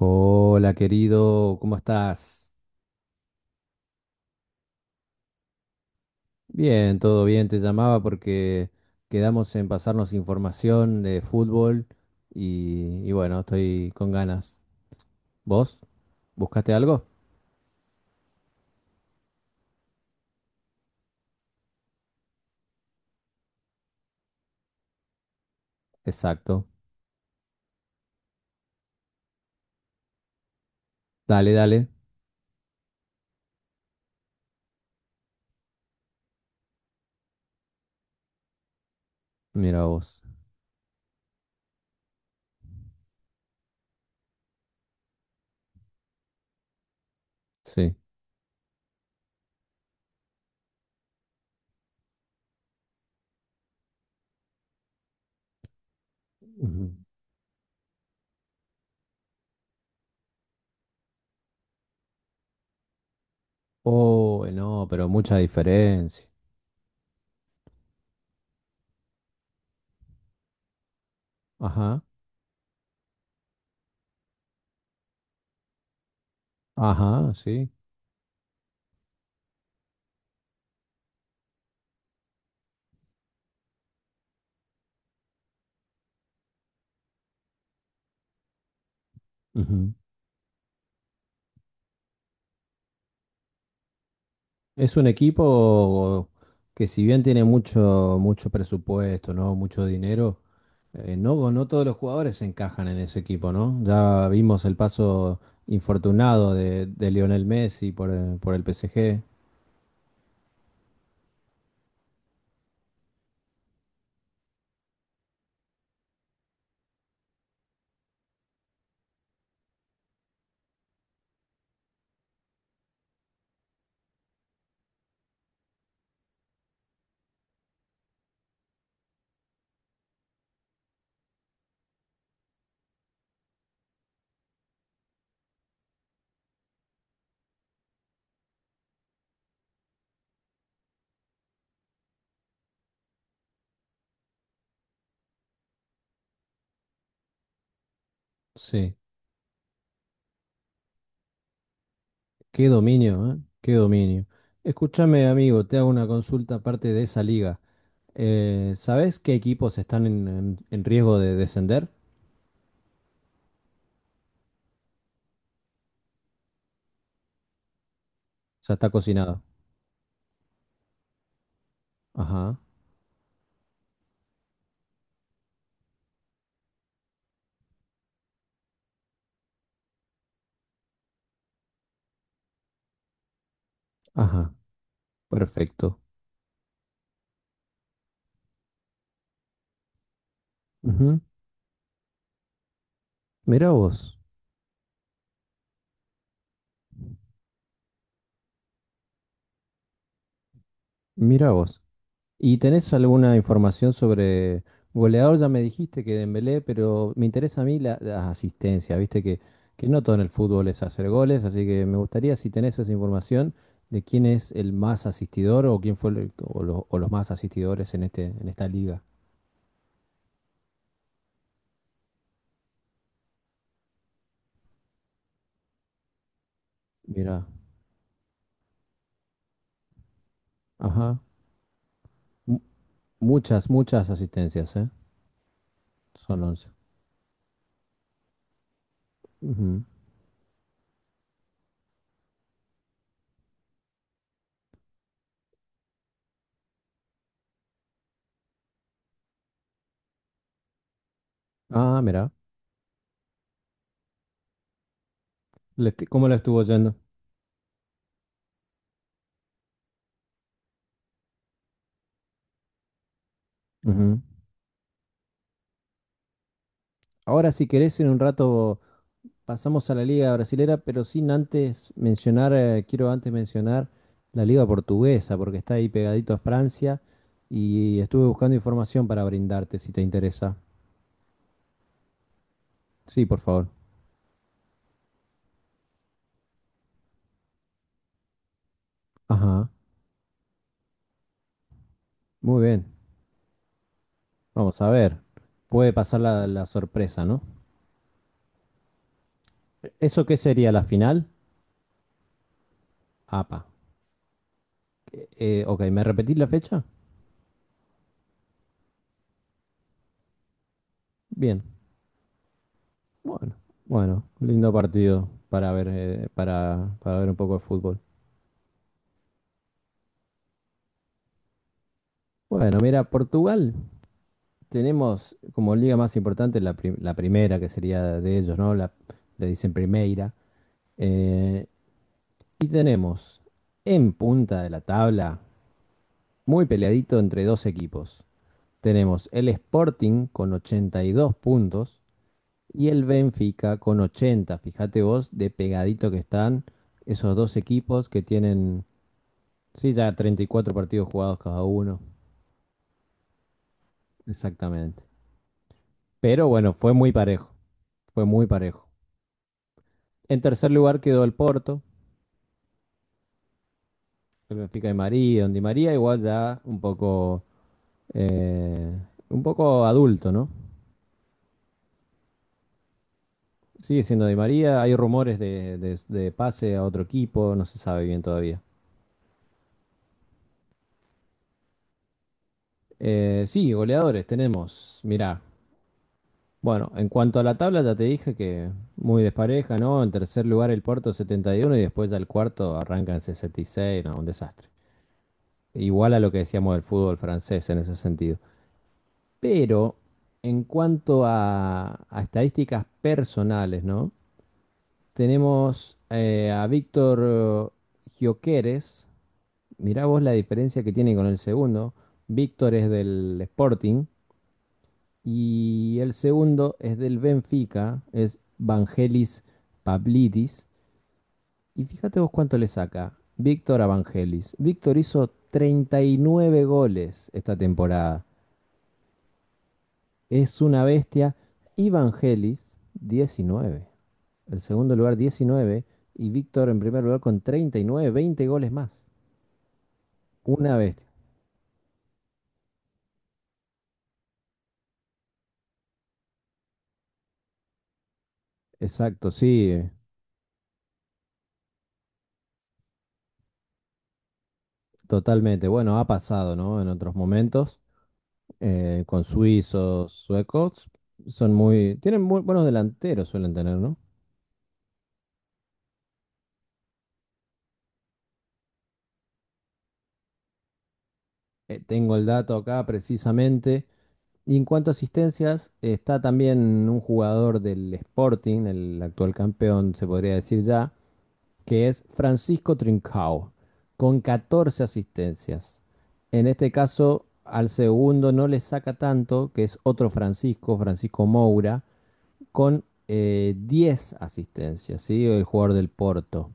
Hola querido, ¿cómo estás? Bien, todo bien, te llamaba porque quedamos en pasarnos información de fútbol y bueno, estoy con ganas. ¿Vos? ¿Buscaste algo? Exacto. Dale, dale. Mira vos. Sí. Ujú. Oh, no, pero mucha diferencia. Ajá, ajá, sí. Ujú. Es un equipo que si bien tiene mucho, mucho presupuesto, ¿no? Mucho dinero. No, no todos los jugadores encajan en ese equipo, ¿no? Ya vimos el paso infortunado de Lionel Messi por el PSG. Sí, qué dominio, ¿eh? Qué dominio. Escúchame, amigo, te hago una consulta aparte de esa liga. ¿Sabés qué equipos están en riesgo de descender? Ya está cocinado. Ajá, ajá, perfecto. Ujú. Mirá vos, mirá vos. ¿Y tenés alguna información sobre goleador? Ya me dijiste que Dembélé, pero me interesa a mí la, las asistencias. Viste que no todo en el fútbol es hacer goles, así que me gustaría si tenés esa información de quién es el más asistidor o quién fue o los más asistidores en este en esta liga. Mira, ajá, mu- muchas muchas asistencias, ¿eh? Son once. Ujú. Ah, mira, ¿cómo la estuvo yendo? Ujú. Ahora si querés en un rato pasamos a la Liga Brasilera, pero sin antes mencionar, quiero antes mencionar la Liga Portuguesa, porque está ahí pegadito a Francia y estuve buscando información para brindarte si te interesa. Sí, por favor. Ajá, muy bien. Vamos a ver. Puede pasar la, la sorpresa, ¿no? ¿Eso qué sería la final? APA. Ok, ¿me repetís la fecha? Bien. Bueno, bueno, lindo partido para ver un poco de fútbol. Bueno, mira, Portugal tenemos como liga más importante la, la primera, que sería de ellos, ¿no? La, le dicen Primeira. Eh, y tenemos en punta de la tabla, muy peleadito entre dos equipos. Tenemos el Sporting con 82 puntos y el Benfica con 80. Fíjate vos de pegadito que están esos dos equipos que tienen, sí, ya 34 partidos jugados cada uno. Exactamente. Pero bueno, fue muy parejo. Fue muy parejo. En tercer lugar quedó el Porto, el Benfica de María, donde María igual ya eh, un poco adulto, ¿no? Sigue siendo de María, hay rumores de pase a otro equipo, no se sabe bien todavía. Sí, goleadores tenemos, mirá. Bueno, en cuanto a la tabla ya te dije que muy despareja, ¿no? En tercer lugar el Porto 71 y uno y después ya el cuarto arranca en 66, no, un desastre. Igual a lo que decíamos del fútbol francés en ese sentido. Pero en cuanto a estadísticas personales, ¿no? Tenemos a Víctor Gioqueres. Mirá vos la diferencia que tiene con el segundo. Víctor es del Sporting y el segundo es del Benfica, es Vangelis Pablidis. Y fíjate vos cuánto le saca Víctor a Vangelis. Víctor hizo 39 goles esta temporada. Es una bestia. Evangelis, 19. El segundo lugar, 19. Y Víctor en primer lugar con 39, 20 goles más. Una bestia. Exacto, sí, totalmente. Bueno, ha pasado, ¿no? En otros momentos, con suizos, suecos, son muy, tienen muy buenos delanteros, suelen tener, ¿no? Tengo el dato acá precisamente. Y en cuanto a asistencias, está también un jugador del Sporting, el actual campeón, se podría decir ya, que es Francisco Trincao, con 14 asistencias. En este caso, al segundo no le saca tanto, que es otro Francisco, Francisco Moura, con 10 asistencias, ¿sí? El jugador del Porto.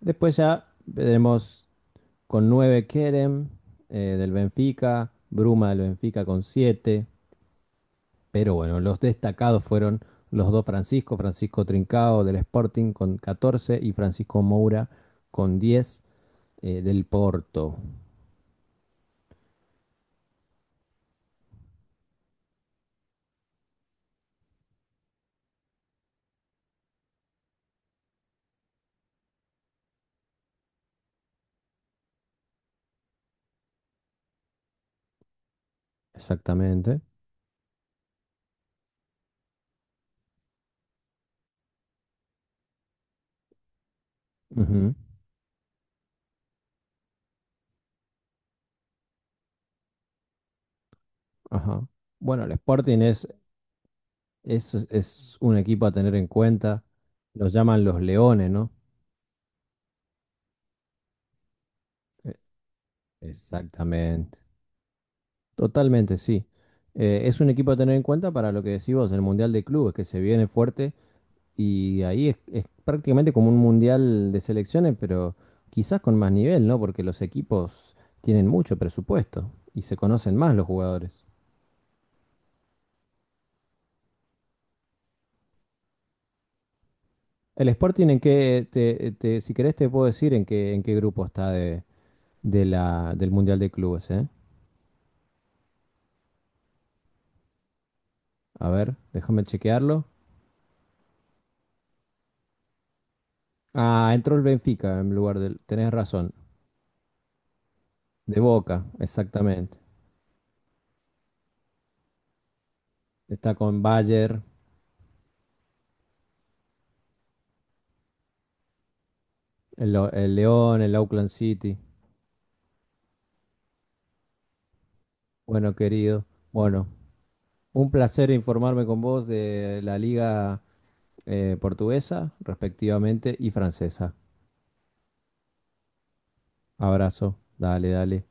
Después ya tenemos con 9 Kerem del Benfica, Bruma del Benfica con 7. Pero bueno, los destacados fueron los dos Francisco, Francisco Trincao del Sporting con 14 y Francisco Moura con 10 del Porto, exactamente. Ujú, ajá. Bueno, el Sporting es un equipo a tener en cuenta. Los llaman los Leones, ¿no? Eh, exactamente. Totalmente, sí. Es un equipo a tener en cuenta para lo que decís vos, el Mundial de Clubes, que se viene fuerte y ahí es prácticamente como un Mundial de selecciones, pero quizás con más nivel, ¿no? Porque los equipos tienen mucho presupuesto y se conocen más los jugadores. El Sporting en qué, si querés te puedo decir en qué grupo está de la, del Mundial de Clubes, ¿eh? A ver, déjame chequearlo. Ah, entró el Benfica en lugar del, tenés razón, de Boca, exactamente. Está con Bayer, el León, el Auckland City. Bueno, querido, bueno, un placer informarme con vos de la liga portuguesa, respectivamente, y francesa. Abrazo, dale, dale.